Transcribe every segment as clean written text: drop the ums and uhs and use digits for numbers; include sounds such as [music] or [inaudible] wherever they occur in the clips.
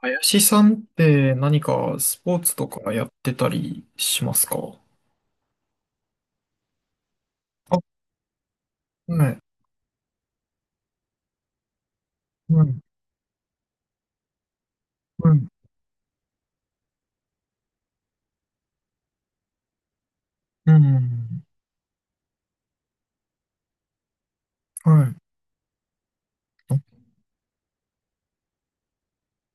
林さんって何かスポーツとかやってたりしますか？あ、はい。うん、うん、うん。はい。あ、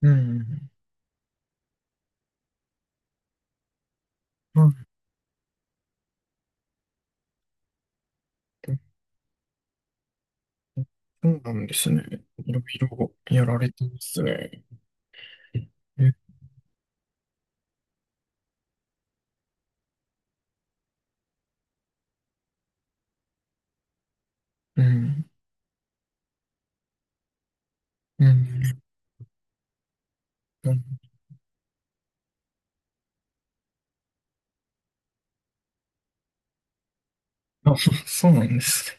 うん、はい。そうなんですね。いろいろやられてますね。え、うん、うん、うん。あ、[laughs] そうなんですね。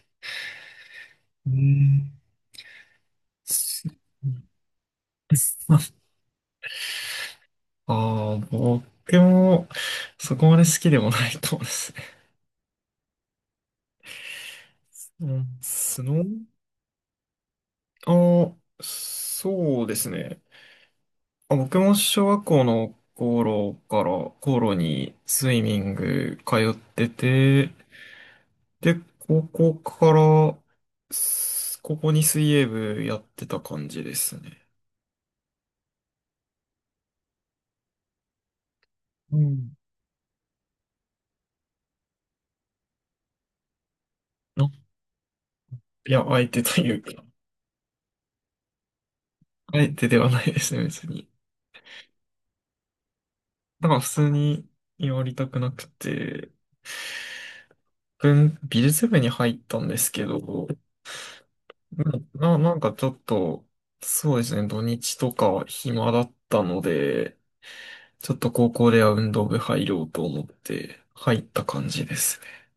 うん、す、ああ、ー、僕もそこまで好きでもないかもですね。うん、スノー、あ、そうですね。あ、僕も小学校の頃から、頃にスイミング通ってて、で、高校から、す、高校に水泳部やってた感じですね。うん。な、いや、相手というか、相手ではないですね、別に。だから普通にやりたくなくて、文美術部に入ったんですけど、うん、な、なんかちょっと、そうですね、土日とか暇だったので、ちょっと高校では運動部入ろうと思って入った感じですね。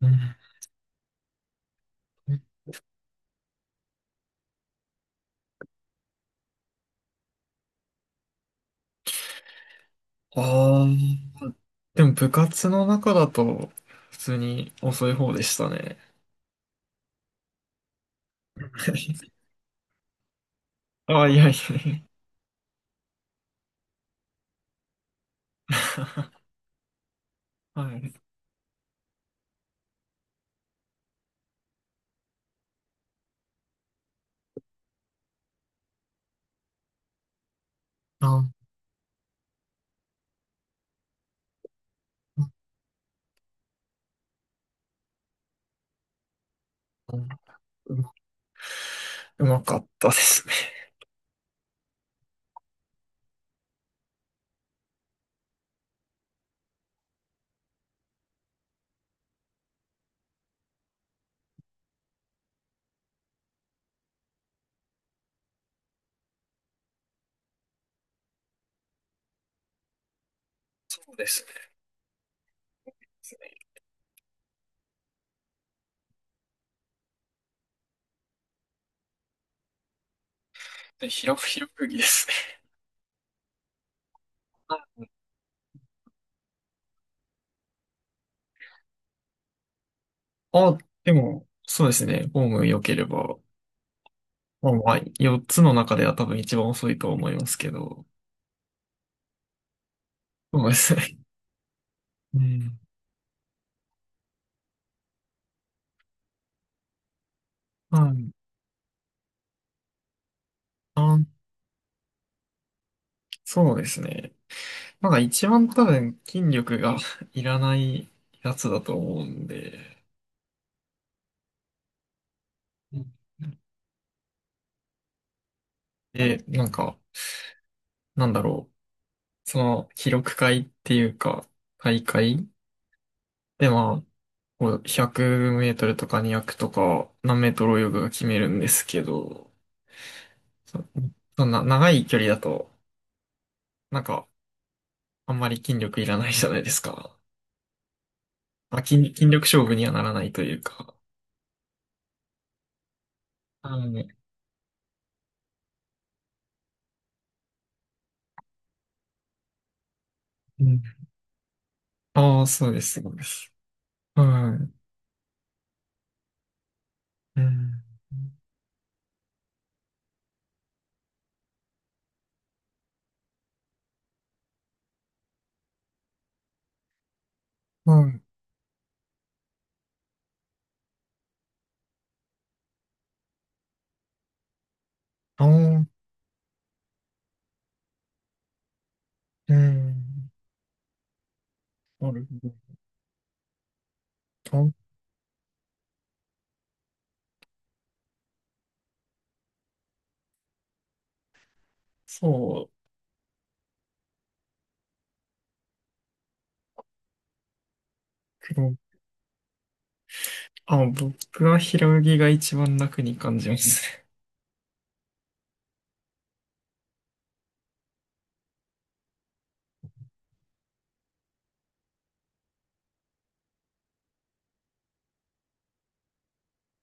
うん。ああ、でも部活の中だと普通に遅い方でしたね。[laughs] ああ、いやいやいや。[laughs] はい。あ、うん。うまうまかったですね。そうですね。で、ひろ、ひろゆきですね。あ、でも、そうですね。ホーム良ければ、まあまあ、4つの中では多分一番遅いと思いますけど。そうですね。うん。はい。あ、そうですね。なんか一番多分筋力が [laughs] いらないやつだと思うんで。うん。で、なんか、なんだろう。その、記録会っていうか、大会で、まあ、こう100メートルとか200とか、何メートル泳ぐが決めるんですけど、そ、そんな長い距離だと、なんか、あんまり筋力いらないじゃないですか。まあ、筋、筋力勝負にはならないというか。はい。うん。ああ、そうです、そうです。はい。うん。はい。ああ、うん。なるほど。あ、そう。けど、あ、僕は平泳ぎが一番楽に感じますね。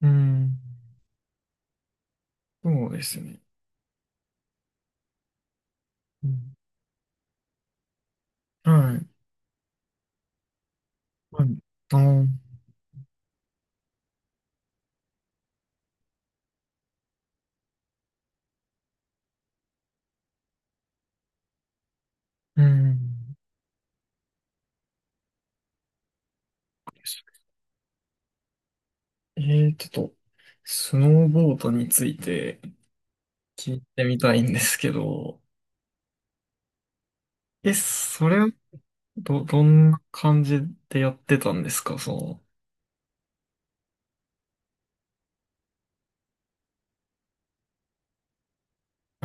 うん。そうですね。うん。はい。はい。あー、うん。えー、ちょっと、スノーボードについて聞いてみたいんですけど、え、それはど、どんな感じでやってたんですか、その。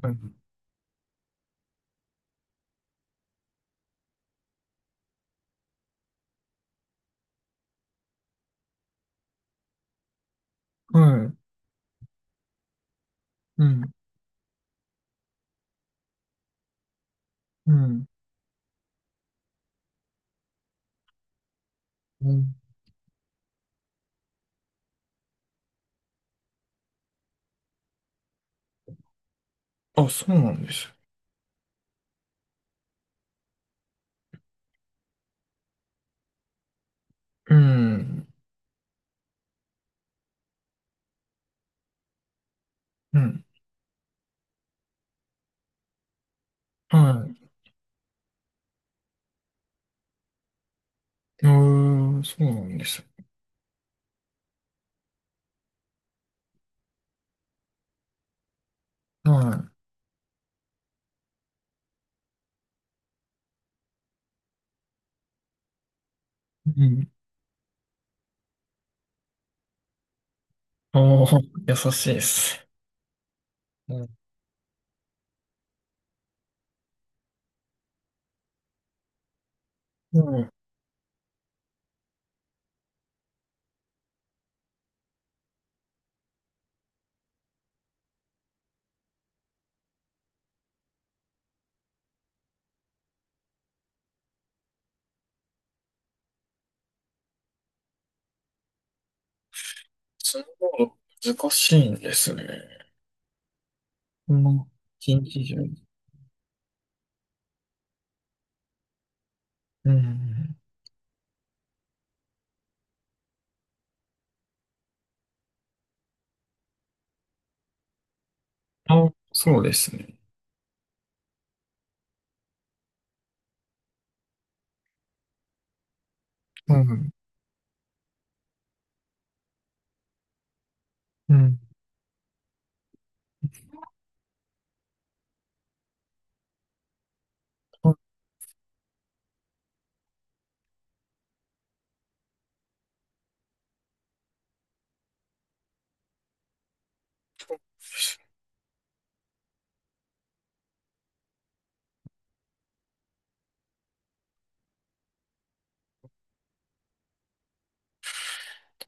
はい。はい、うん。うん。うん。あ、そうなんです。うん。うん。はい。うーん、そうなんです。はい。うん。ああ、優しいです。うん。うん。スノーボード難しいんですね。この近畿中に。うん。あ、そうですね。うん。うん。あ、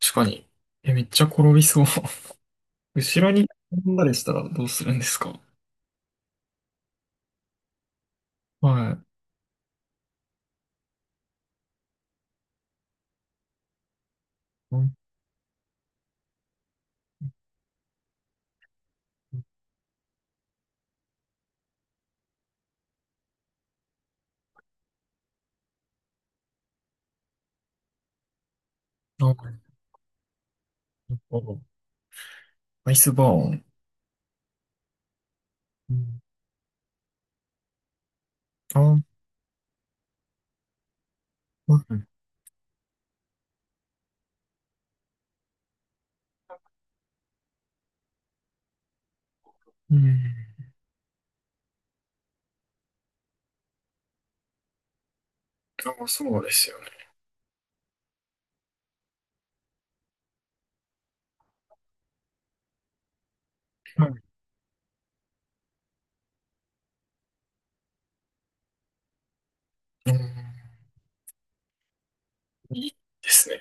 確かに。え、めっちゃ転びそう。後ろに飛んだりしたらどうするんですか？はい。うん。なんか、アイスバーン。うん。あ、うん。うん。あ、そうですよね。はい。うん、いいですね。